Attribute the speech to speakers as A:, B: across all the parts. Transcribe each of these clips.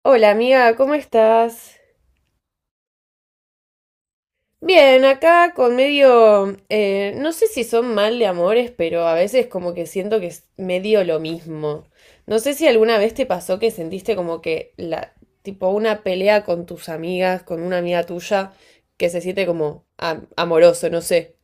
A: Hola amiga, ¿cómo estás? Bien, acá con medio, no sé si son mal de amores, pero a veces como que siento que es medio lo mismo. No sé si alguna vez te pasó que sentiste como que tipo una pelea con tus amigas, con una amiga tuya, que se siente como amoroso, no sé.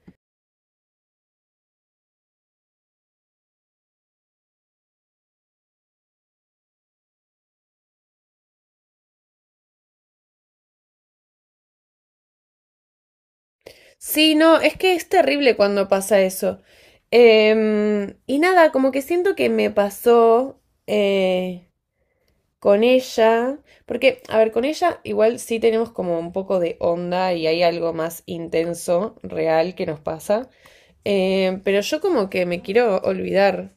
A: Sí, no, es que es terrible cuando pasa eso. Y nada, como que siento que me pasó, eh, Con ella, porque, a ver, con ella igual sí tenemos como un poco de onda y hay algo más intenso, real que nos pasa, pero yo como que me quiero olvidar.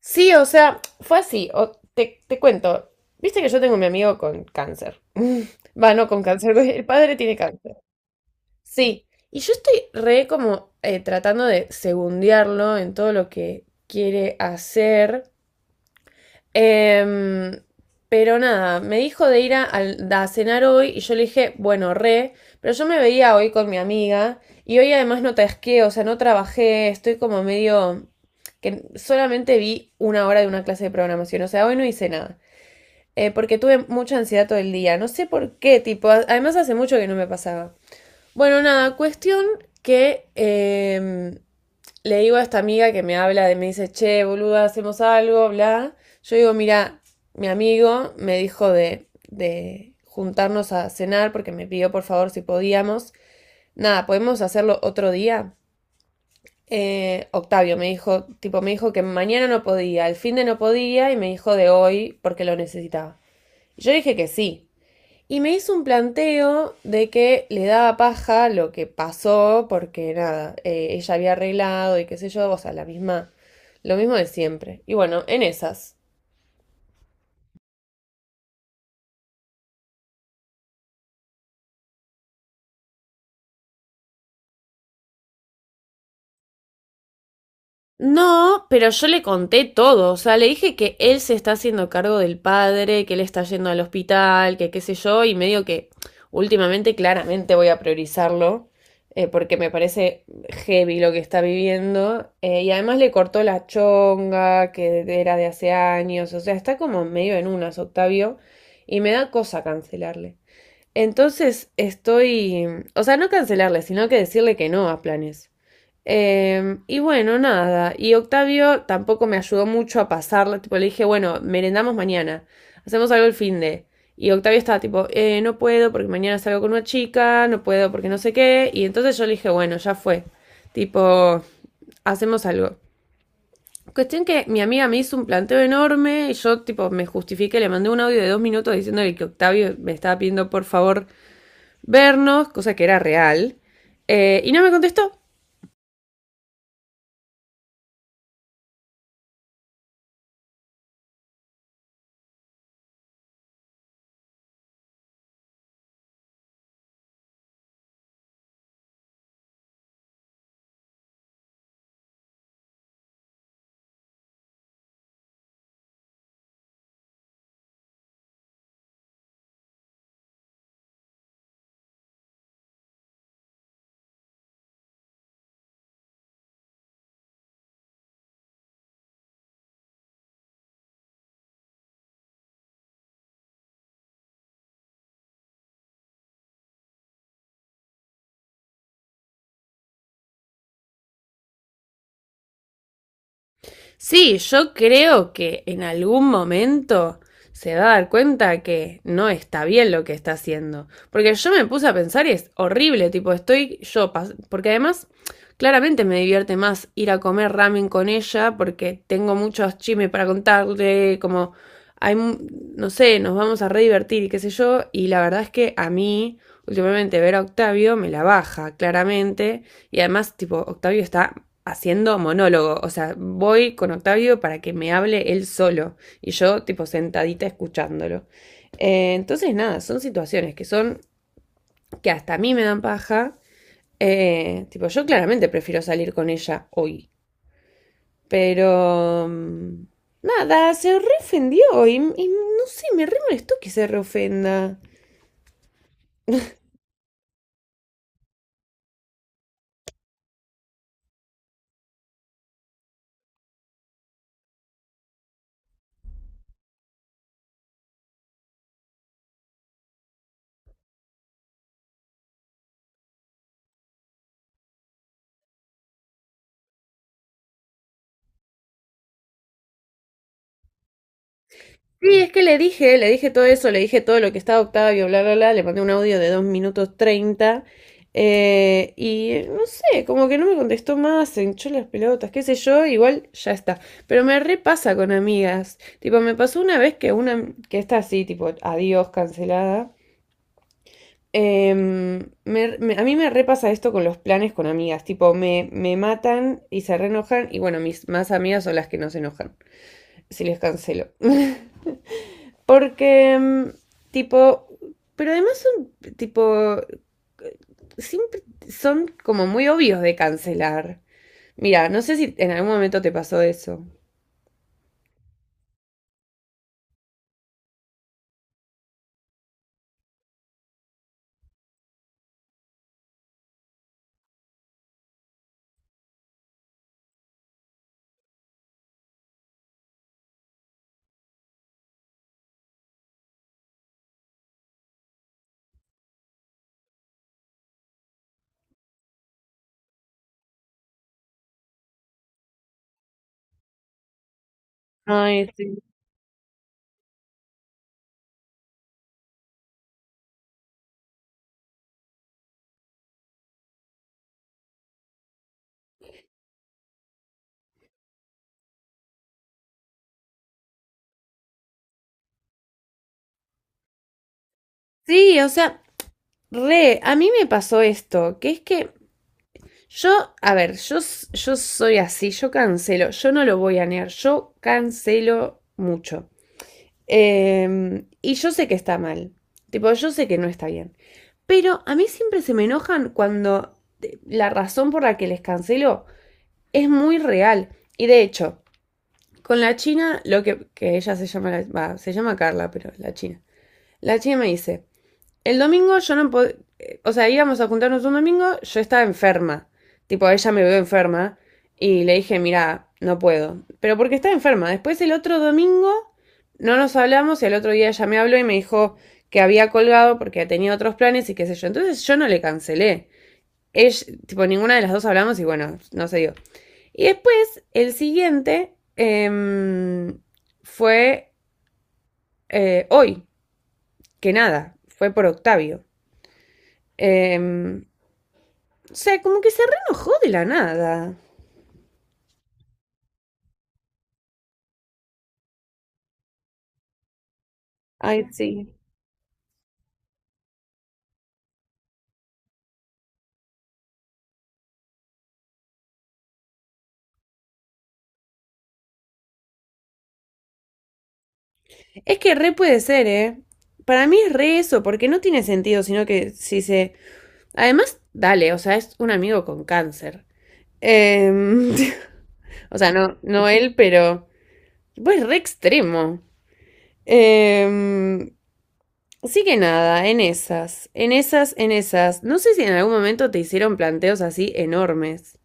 A: Sí, o sea, fue así, te cuento, viste que yo tengo a mi amigo con cáncer. Va, no con cáncer, el padre tiene cáncer. Sí, y yo estoy re como tratando de segundearlo en todo lo que quiere hacer. Em, pero nada, me dijo de ir a cenar hoy y yo le dije, bueno, re, pero yo me veía hoy con mi amiga y hoy además no tasqué, o sea, no trabajé, estoy como medio que solamente vi una hora de una clase de programación, o sea, hoy no hice nada, porque tuve mucha ansiedad todo el día, no sé por qué, tipo, además hace mucho que no me pasaba. Bueno, nada, cuestión que le digo a esta amiga que me habla, de, me dice, che, boluda, hacemos algo, bla. Yo digo, mira, mi amigo me dijo de juntarnos a cenar porque me pidió por favor si podíamos. Nada, ¿podemos hacerlo otro día? Octavio me dijo, tipo, me dijo que mañana no podía, el fin de no podía y me dijo de hoy porque lo necesitaba. Yo dije que sí, y me hizo un planteo de que le daba paja lo que pasó, porque nada, ella había arreglado y qué sé yo, o sea, la misma, lo mismo de siempre. Y bueno, en esas. No, pero yo le conté todo, o sea, le dije que él se está haciendo cargo del padre, que él está yendo al hospital, que qué sé yo, y medio que últimamente claramente voy a priorizarlo, porque me parece heavy lo que está viviendo, y además le cortó la chonga, que era de hace años, o sea, está como medio en unas, Octavio, y me da cosa cancelarle. Entonces estoy, o sea, no cancelarle, sino que decirle que no a planes. Y bueno, nada. Y Octavio tampoco me ayudó mucho a pasarla. Tipo, le dije, bueno, merendamos mañana. Hacemos algo el fin de. Y Octavio estaba tipo, no puedo porque mañana salgo con una chica, no puedo porque no sé qué. Y entonces yo le dije, bueno, ya fue. Tipo, hacemos algo. Cuestión que mi amiga me hizo un planteo enorme y yo, tipo, me justifiqué, le mandé un audio de 2 minutos diciéndole que Octavio me estaba pidiendo por favor vernos, cosa que era real. Y no me contestó. Sí, yo creo que en algún momento se va a dar cuenta que no está bien lo que está haciendo. Porque yo me puse a pensar y es horrible, tipo, estoy yo, porque además claramente me divierte más ir a comer ramen con ella porque tengo muchos chismes para contarle, como hay, no sé, nos vamos a re divertir y qué sé yo, y la verdad es que a mí últimamente ver a Octavio me la baja, claramente, y además, tipo, Octavio está haciendo monólogo. O sea, voy con Octavio para que me hable él solo. Y yo, tipo, sentadita escuchándolo. Entonces, nada, son situaciones que son, que hasta a mí me dan paja. Tipo, yo claramente prefiero salir con ella hoy. Pero, nada, se reofendió y no sé, me re molestó que se reofenda. Sí, es que le dije todo eso, le dije todo lo que estaba Octavio, bla, bla, bla, le mandé un audio de 2:30 y no sé, como que no me contestó más, se hinchó las pelotas, qué sé yo, igual ya está. Pero me repasa con amigas, tipo, me pasó una vez que una, que está así, tipo, adiós, cancelada. Em, a mí me repasa esto con los planes con amigas, tipo, me matan y se reenojan y bueno, mis más amigas son las que no se enojan, si les cancelo. Porque, tipo, pero además son, tipo, siempre son como muy obvios de cancelar. Mira, no sé si en algún momento te pasó eso. Ay, sí. Sí, o sea, re, a mí me pasó esto, que es que yo, a ver, yo, yo soy así, yo cancelo, yo no lo voy a negar, yo cancelo mucho. Y yo sé que está mal, tipo, yo sé que no está bien. Pero a mí siempre se me enojan cuando la razón por la que les canceló es muy real. Y de hecho, con la China, lo que ella se llama, se llama Carla, pero la China. La China me dice, el domingo yo no podía. O sea, íbamos a juntarnos un domingo, yo estaba enferma. Tipo, ella me vio enferma. Y le dije, mira, no puedo. Pero porque estaba enferma. Después el otro domingo no nos hablamos y el otro día ella me habló y me dijo que había colgado porque tenía otros planes y qué sé yo. Entonces yo no le cancelé. Ella, tipo, ninguna de las dos hablamos y bueno, no se dio. Y después, el siguiente fue hoy, que nada, fue por Octavio. Em, O sea, como que se reenojó de la nada. Ay, sí. Es que re puede ser, ¿eh? Para mí es re eso, porque no tiene sentido, sino que si se… Además, dale, o sea, es un amigo con cáncer. Em, O sea, no, no él, pero… Pues re extremo. Em, Así que nada, en esas, en esas, en esas. No sé si en algún momento te hicieron planteos así enormes.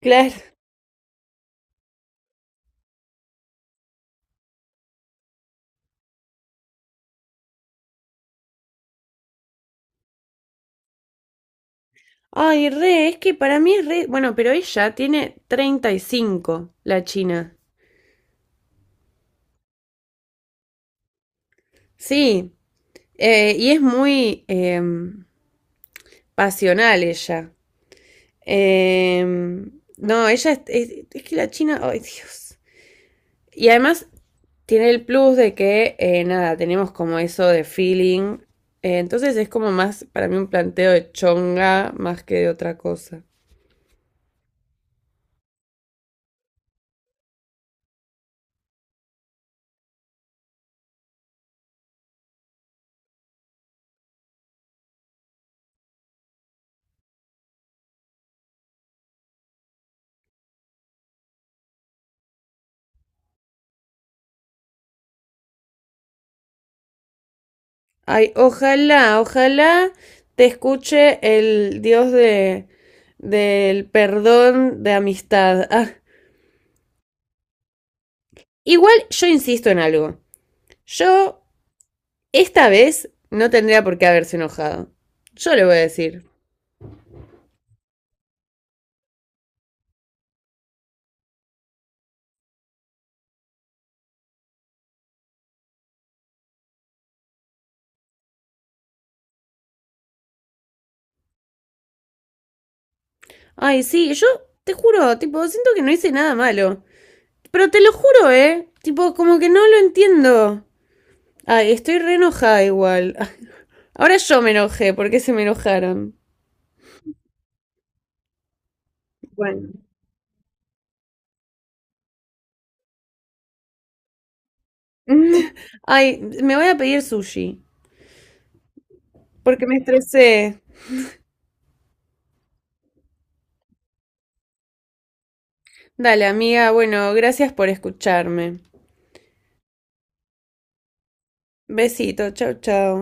A: Claro. Ay, re, es que para mí es re. Bueno, pero ella tiene 35, la China. Sí, y es muy pasional ella. No, ella es, es que la China. Ay, Dios. Y además tiene el plus de que, nada, tenemos como eso de feeling. Entonces es como más, para mí, un planteo de chonga más que de otra cosa. Ay, ojalá, ojalá te escuche el Dios de del perdón de amistad. Ah, igual yo insisto en algo. Yo esta vez no tendría por qué haberse enojado. Yo le voy a decir. Ay, sí, yo te juro, tipo, siento que no hice nada malo. Pero te lo juro, ¿eh? Tipo, como que no lo entiendo. Ay, estoy re enojada igual. Ah, ahora yo me enojé porque se me enojaron. Bueno, mm, ay, me voy a pedir sushi, porque me estresé. Dale, amiga, bueno, gracias por escucharme. Besito, chau, chau.